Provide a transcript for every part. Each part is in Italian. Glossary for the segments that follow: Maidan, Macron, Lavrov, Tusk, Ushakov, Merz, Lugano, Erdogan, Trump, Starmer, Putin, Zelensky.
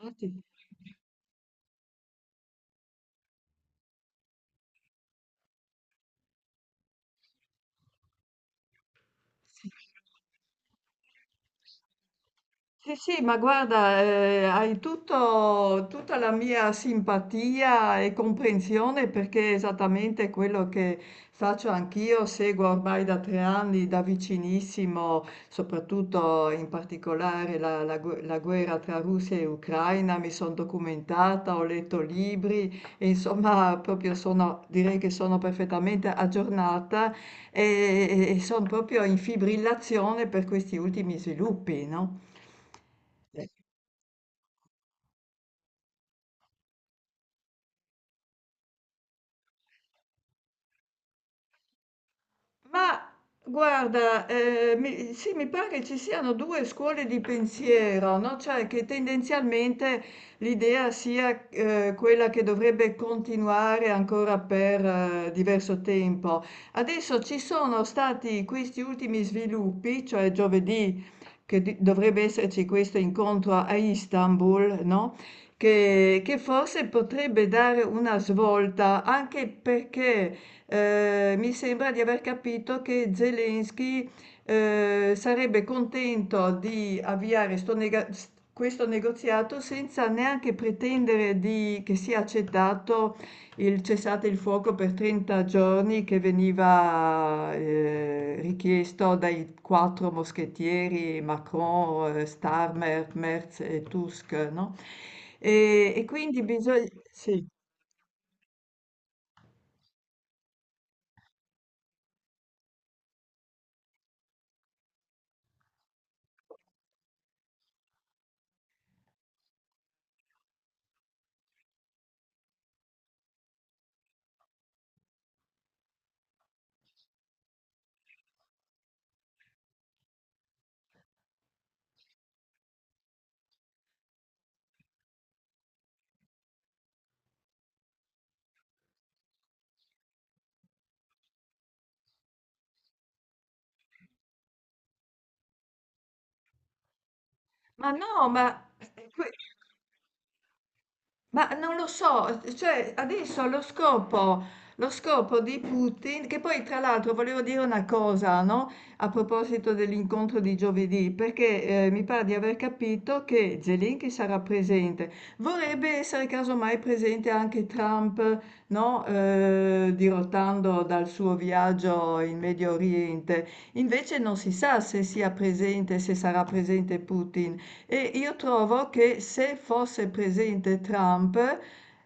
Infatti. Sì, sì, ma guarda, tutta la mia simpatia e comprensione, perché è esattamente quello che faccio anch'io. Seguo ormai da tre anni da vicinissimo, soprattutto in particolare la guerra tra Russia e Ucraina. Mi sono documentata, ho letto libri e insomma proprio sono, direi che sono perfettamente aggiornata, E e son proprio in fibrillazione per questi ultimi sviluppi, no? Ma guarda, sì, mi pare che ci siano due scuole di pensiero, no? Cioè che tendenzialmente l'idea sia, quella che dovrebbe continuare ancora per, diverso tempo. Adesso ci sono stati questi ultimi sviluppi, cioè giovedì che dovrebbe esserci questo incontro a Istanbul, no? Che forse potrebbe dare una svolta, anche perché mi sembra di aver capito che Zelensky sarebbe contento di avviare questo negoziato senza neanche pretendere che sia accettato il cessate il fuoco per 30 giorni, che veniva richiesto dai quattro moschettieri Macron, Starmer, Merz e Tusk, no? E quindi bisogna... Sì. Ma no, ma... Ma non lo so, cioè adesso lo scopo di Putin, che poi tra l'altro volevo dire una cosa, no? A proposito dell'incontro di giovedì, perché mi pare di aver capito che Zelensky sarà presente, vorrebbe essere casomai presente anche Trump, no? Dirottando dal suo viaggio in Medio Oriente. Invece non si sa se sia presente, se sarà presente Putin. E io trovo che se fosse presente Trump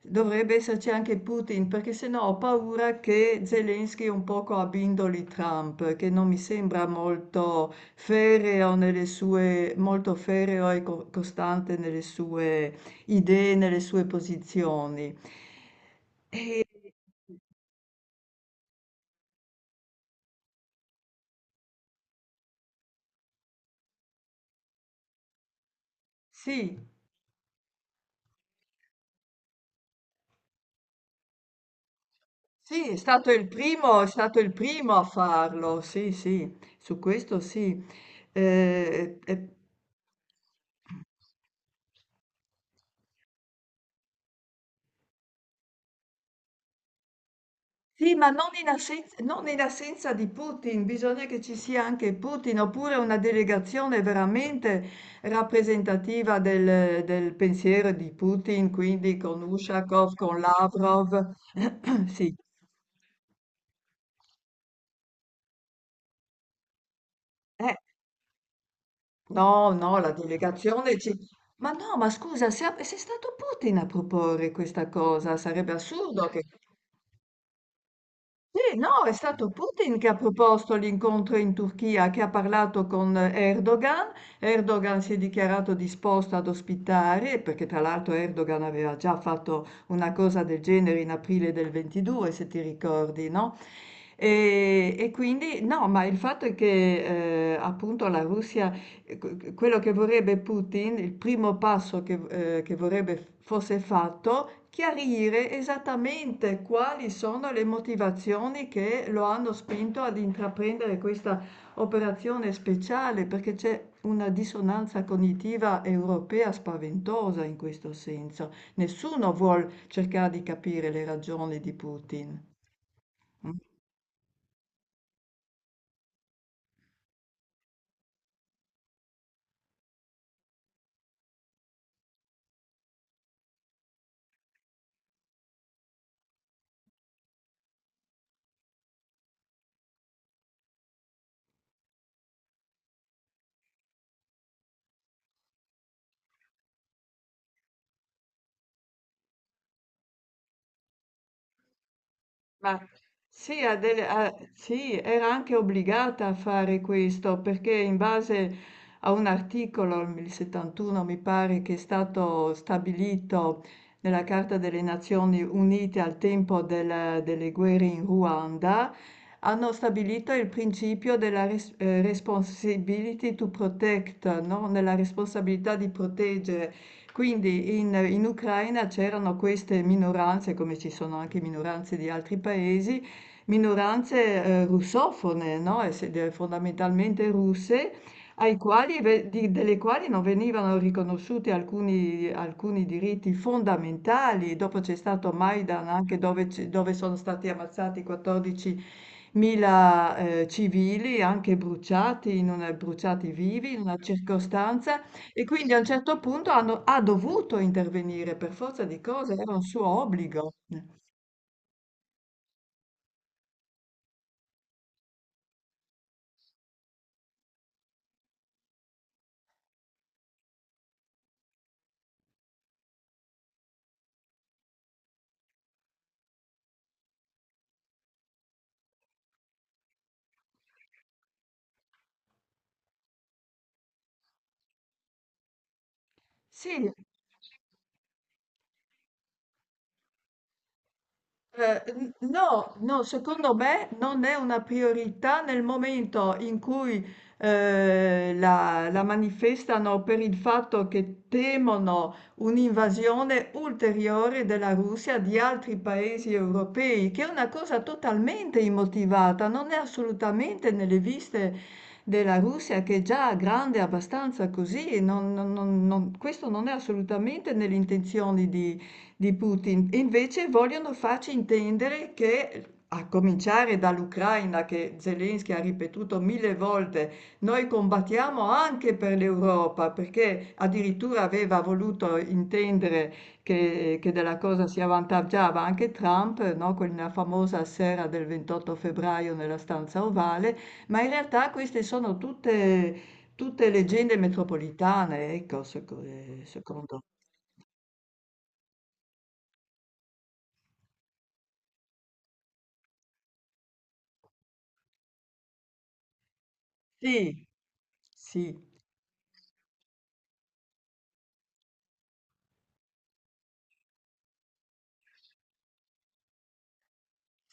dovrebbe esserci anche Putin, perché sennò ho paura che Zelensky un poco abbindoli Trump, che non mi sembra molto ferreo nelle sue, molto ferreo e costante nelle sue idee, nelle sue posizioni. E sì. Sì, è stato il primo, è stato il primo a farlo, sì, sì, su questo sì. Eh, eh, sì, ma non in assenza, non in assenza di Putin, bisogna che ci sia anche Putin, oppure una delegazione veramente rappresentativa del, del pensiero di Putin, quindi con Ushakov, con Lavrov. Sì. Eh, No, no, la delegazione ci... Ma no, ma scusa, se è stato Putin a proporre questa cosa, sarebbe assurdo che... Sì, no, è stato Putin che ha proposto l'incontro in Turchia, che ha parlato con Erdogan. Erdogan si è dichiarato disposto ad ospitare, perché tra l'altro Erdogan aveva già fatto una cosa del genere in aprile del 22, se ti ricordi, no? E quindi, no, ma il fatto è che, appunto, la Russia... E quello che vorrebbe Putin, il primo passo che vorrebbe fosse fatto, chiarire esattamente quali sono le motivazioni che lo hanno spinto ad intraprendere questa operazione speciale, perché c'è una dissonanza cognitiva europea spaventosa in questo senso. Nessuno vuole cercare di capire le ragioni di Putin. Mm? Ma sì, sì, era anche obbligata a fare questo, perché in base a un articolo, il 71 mi pare, che è stato stabilito nella Carta delle Nazioni Unite al tempo delle guerre in Ruanda, hanno stabilito il principio responsibility to protect, no? Nella responsabilità di proteggere. Quindi in Ucraina c'erano queste minoranze, come ci sono anche minoranze di altri paesi, minoranze, russofone, no, esse de fondamentalmente russe, ai quali ve di delle quali non venivano riconosciuti alcuni diritti fondamentali. Dopo c'è stato Maidan, anche dove c dove sono stati ammazzati 14.000, civili, anche bruciati vivi in una circostanza, e quindi a un certo punto ha dovuto intervenire per forza di cose, era un suo obbligo. Sì. No, no, secondo me non è una priorità nel momento in cui la, la manifestano per il fatto che temono un'invasione ulteriore della Russia di altri paesi europei, che è una cosa totalmente immotivata, non è assolutamente nelle viste della Russia, che è già grande abbastanza così. Questo non è assolutamente nelle intenzioni di Putin. E invece vogliono farci intendere che, a cominciare dall'Ucraina, che Zelensky ha ripetuto mille volte, noi combattiamo anche per l'Europa, perché addirittura aveva voluto intendere che della cosa si avvantaggiava anche Trump, no? Quella famosa sera del 28 febbraio nella stanza ovale, ma in realtà queste sono tutte, tutte leggende metropolitane, ecco, secondo. Sì, sì.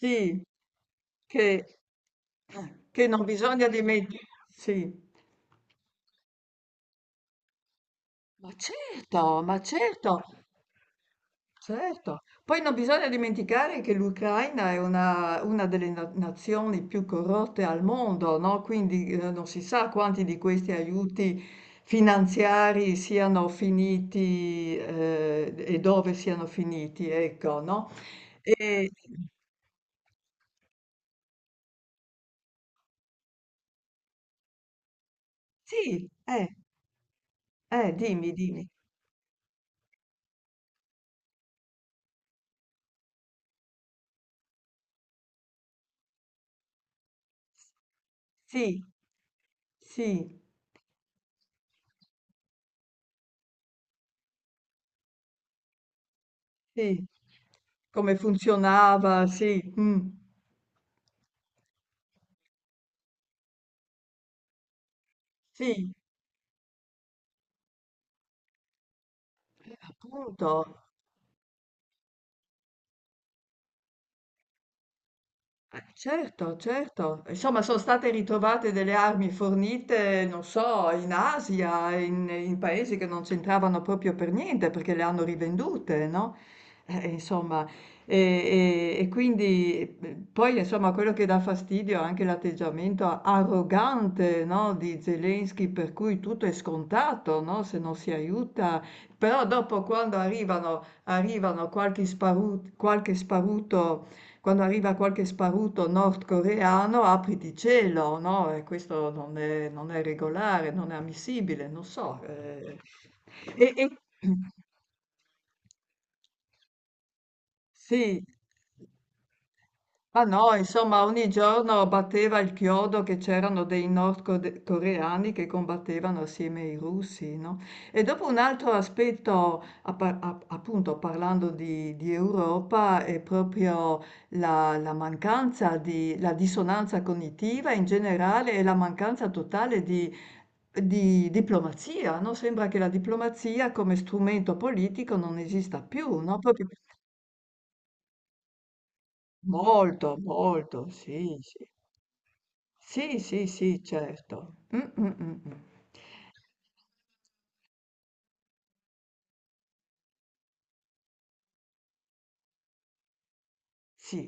Sì, che che non bisogna dimen. Sì. Ma certo, ma certo. Certo. Poi non bisogna dimenticare che l'Ucraina è una delle na nazioni più corrotte al mondo, no, quindi, non si sa quanti di questi aiuti finanziari siano finiti, e dove siano finiti, ecco, no. E sì, dimmi, dimmi. Sì. Sì. Sì, come funzionava, sì. Sì, appunto. Certo, certo. Insomma, sono state ritrovate delle armi fornite, non so, in Asia, in, in paesi che non c'entravano proprio per niente, perché le hanno rivendute, no? Insomma, e, e quindi poi, insomma, quello che dà fastidio è anche l'atteggiamento arrogante, no, di Zelensky, per cui tutto è scontato, no, se non si aiuta. Però dopo, quando arriva qualche sparuto nordcoreano, apriti cielo, no, e questo non è, non è regolare, non è ammissibile, non so. E e sì. Ma no, insomma, ogni giorno batteva il chiodo che c'erano dei nordcoreani che combattevano assieme ai russi, no? E dopo un altro aspetto, appunto parlando di Europa, è proprio la dissonanza cognitiva in generale e la mancanza totale di, diplomazia, no? Sembra che la diplomazia come strumento politico non esista più, no? Proprio molto, molto, sì, sì. Sì, sì, sì, certo. Sì.